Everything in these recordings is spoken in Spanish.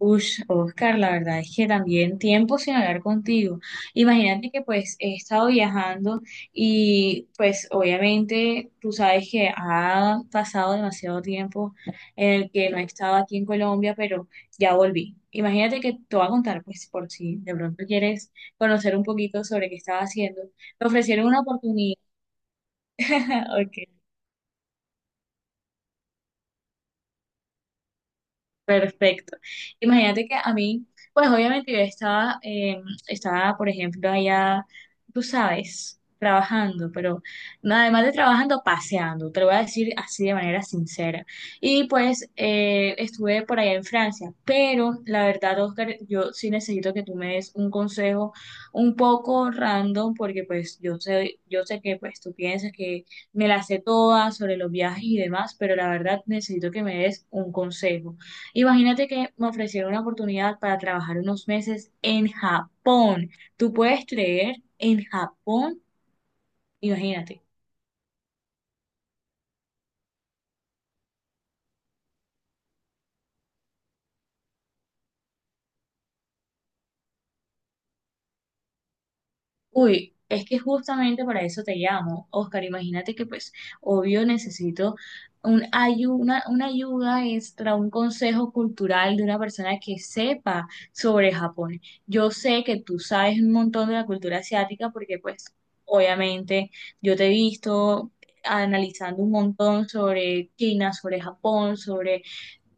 Ush, Oscar, la verdad es que también tiempo sin hablar contigo. Imagínate que pues he estado viajando y pues obviamente tú sabes que ha pasado demasiado tiempo en el que no he estado aquí en Colombia, pero ya volví. Imagínate que te voy a contar pues por si de pronto quieres conocer un poquito sobre qué estaba haciendo. Me ofrecieron una oportunidad, ok, perfecto. Imagínate que a mí, pues obviamente yo estaba, estaba, por ejemplo, allá, tú sabes, trabajando, pero nada además de trabajando, paseando, te lo voy a decir así de manera sincera. Y pues estuve por allá en Francia, pero la verdad, Oscar, yo sí necesito que tú me des un consejo un poco random, porque pues yo sé que pues tú piensas que me la sé toda sobre los viajes y demás, pero la verdad necesito que me des un consejo. Imagínate que me ofrecieron una oportunidad para trabajar unos meses en Japón. ¿Tú puedes creer en Japón? Imagínate. Uy, es que justamente para eso te llamo, Oscar. Imagínate que pues, obvio, necesito una ayuda extra, un consejo cultural de una persona que sepa sobre Japón. Yo sé que tú sabes un montón de la cultura asiática porque pues, obviamente, yo te he visto analizando un montón sobre China, sobre Japón, sobre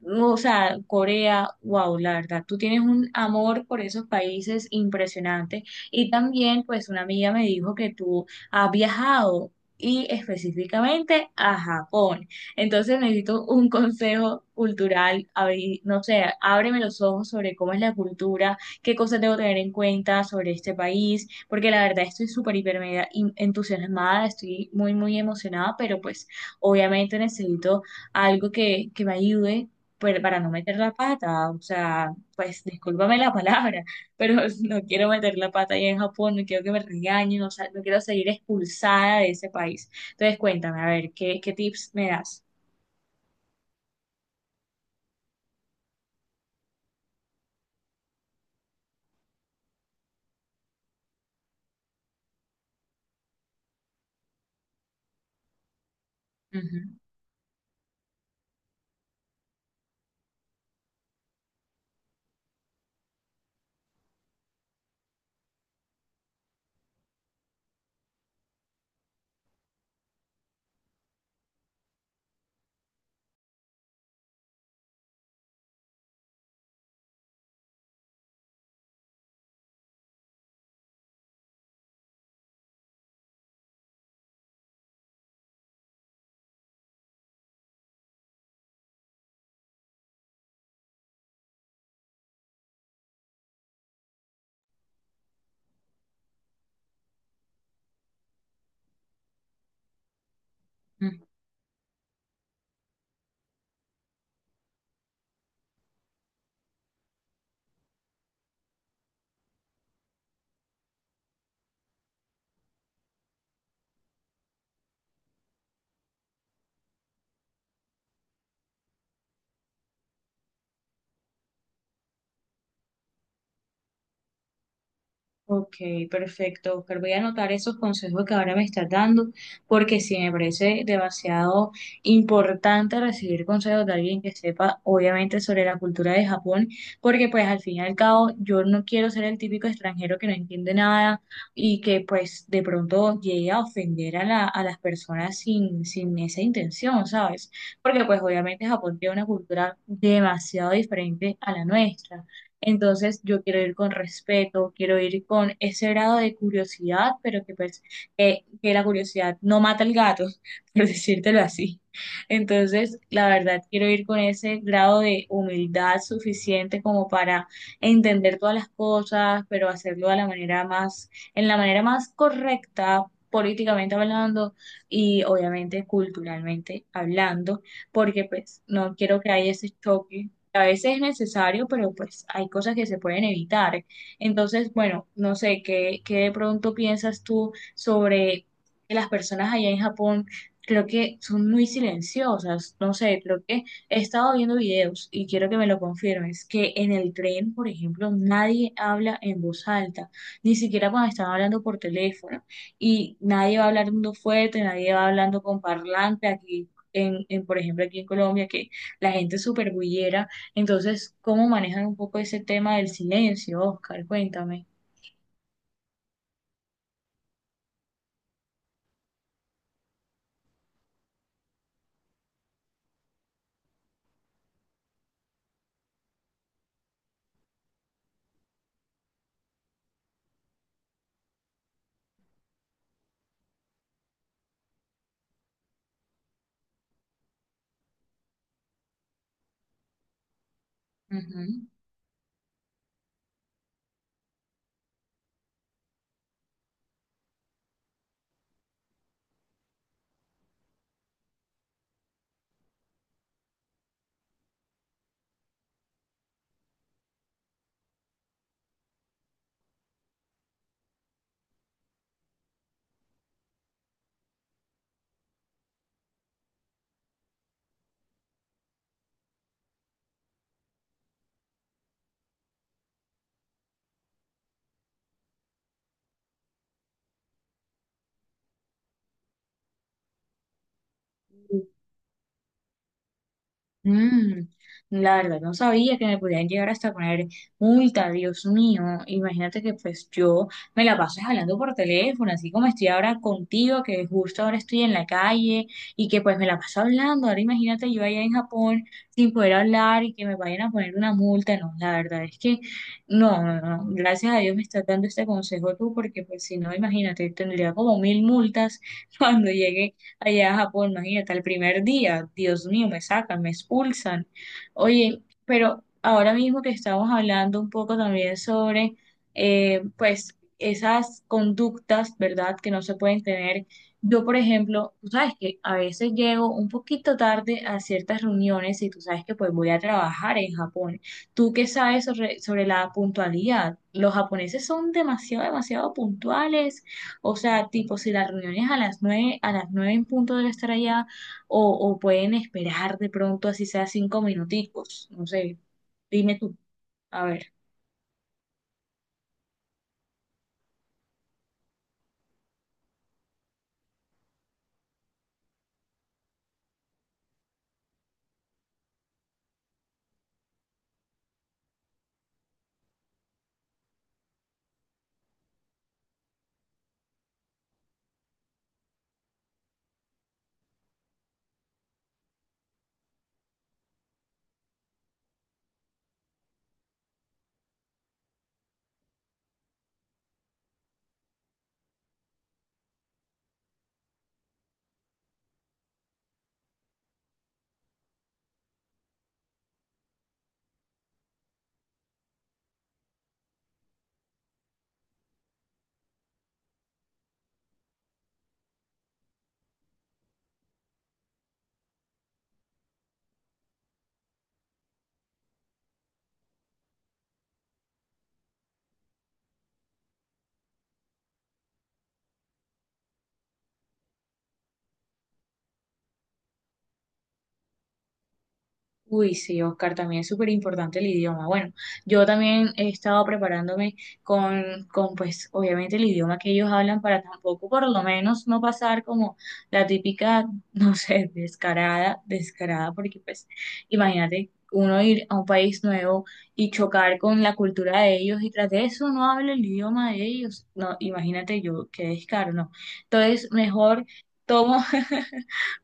no, o sea, Corea, wow, la verdad, tú tienes un amor por esos países impresionante. Y también, pues, una amiga me dijo que tú has viajado y específicamente a Japón. Entonces necesito un consejo cultural, no sé, ábreme los ojos sobre cómo es la cultura, qué cosas debo tener en cuenta sobre este país, porque la verdad estoy súper, hiper, entusiasmada, estoy muy muy emocionada pero pues obviamente necesito algo que me ayude pero para no meter la pata, o sea, pues discúlpame la palabra, pero no quiero meter la pata ahí en Japón, no quiero que me regañen, o sea, no quiero seguir expulsada de ese país. Entonces, cuéntame, a ver, qué tips me das? Ujú. Ok, perfecto, Oscar. Voy a anotar esos consejos que ahora me estás dando, porque sí me parece demasiado importante recibir consejos de alguien que sepa, obviamente, sobre la cultura de Japón, porque pues al fin y al cabo yo no quiero ser el típico extranjero que no entiende nada y que pues de pronto llegue a ofender a a las personas sin esa intención, ¿sabes? Porque pues obviamente Japón tiene una cultura demasiado diferente a la nuestra. Entonces yo quiero ir con respeto, quiero ir con ese grado de curiosidad, pero que, pues, que la curiosidad no mata al gato, por decírtelo así. Entonces, la verdad, quiero ir con ese grado de humildad suficiente como para entender todas las cosas, pero hacerlo de la manera más, en la manera más correcta, políticamente hablando y obviamente culturalmente hablando, porque pues no quiero que haya ese choque, a veces es necesario, pero pues hay cosas que se pueden evitar. Entonces, bueno, no sé, qué de pronto piensas tú sobre que las personas allá en Japón? Creo que son muy silenciosas, no sé, creo que he estado viendo videos y quiero que me lo confirmes, que en el tren, por ejemplo, nadie habla en voz alta, ni siquiera cuando están hablando por teléfono, y nadie va hablando fuerte, nadie va hablando con parlante aquí, en, por ejemplo, aquí en Colombia, que la gente es súper bullera, entonces, ¿cómo manejan un poco ese tema del silencio, Oscar? Cuéntame. Ujú. Mm, la verdad, no sabía que me podían llegar hasta poner multa, Dios mío. Imagínate que pues yo me la paso hablando por teléfono, así como estoy ahora contigo, que justo ahora estoy en la calle y que pues me la paso hablando. Ahora imagínate yo allá en Japón sin poder hablar y que me vayan a poner una multa. No, la verdad es que no, no, no. Gracias a Dios me estás dando este consejo tú, porque pues si no, imagínate, tendría como mil multas cuando llegue allá a Japón, imagínate, el primer día, Dios mío, me sacan, me expulsan. Oye, pero ahora mismo que estamos hablando un poco también sobre, pues, esas conductas, ¿verdad?, que no se pueden tener. Yo, por ejemplo, tú sabes que a veces llego un poquito tarde a ciertas reuniones y tú sabes que pues voy a trabajar en Japón. ¿Tú qué sabes sobre, sobre la puntualidad? Los japoneses son demasiado, demasiado puntuales, o sea, tipo, si la reunión es a las nueve en punto debe estar allá, o pueden esperar de pronto, así sea cinco minuticos, no sé, dime tú, a ver. Uy, sí, Oscar, también es súper importante el idioma. Bueno, yo también he estado preparándome con, pues, obviamente el idioma que ellos hablan para tampoco, por lo menos, no pasar como la típica, no sé, descarada, porque, pues, imagínate uno ir a un país nuevo y chocar con la cultura de ellos y tras de eso no habla el idioma de ellos. No, imagínate yo, qué descaro, no. Entonces, mejor tomo.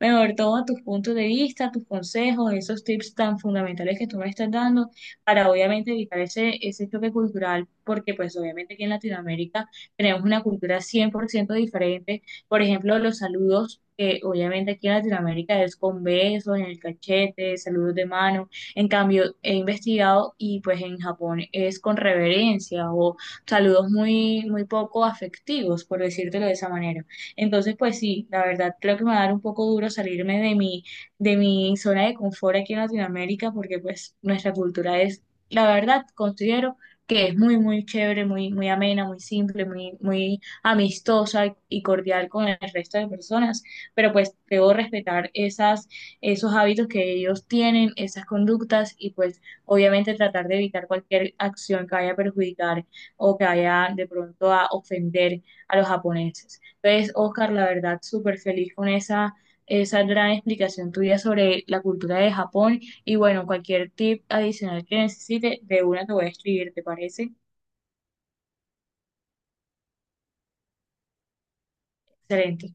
mejor toma tus puntos de vista, tus consejos, esos tips tan fundamentales que tú me estás dando para obviamente evitar ese, ese choque cultural, porque pues obviamente aquí en Latinoamérica tenemos una cultura 100% diferente. Por ejemplo, los saludos, que obviamente aquí en Latinoamérica es con besos, en el cachete, saludos de mano. En cambio, he investigado y pues en Japón es con reverencia o saludos muy, muy poco afectivos, por decírtelo de esa manera. Entonces, pues sí, la verdad creo que me va a dar un poco duro salirme de mi zona de confort aquí en Latinoamérica porque pues nuestra cultura es, la verdad, considero que es muy, muy chévere, muy, muy amena, muy simple, muy, muy amistosa y cordial con el resto de personas, pero pues debo respetar esas, esos hábitos que ellos tienen, esas conductas y pues obviamente tratar de evitar cualquier acción que vaya a perjudicar o que vaya de pronto a ofender a los japoneses. Pues, Oscar, la verdad, súper feliz con esa, esa gran explicación tuya sobre la cultura de Japón. Y bueno, cualquier tip adicional que necesite, de una te voy a escribir, ¿te parece? Excelente.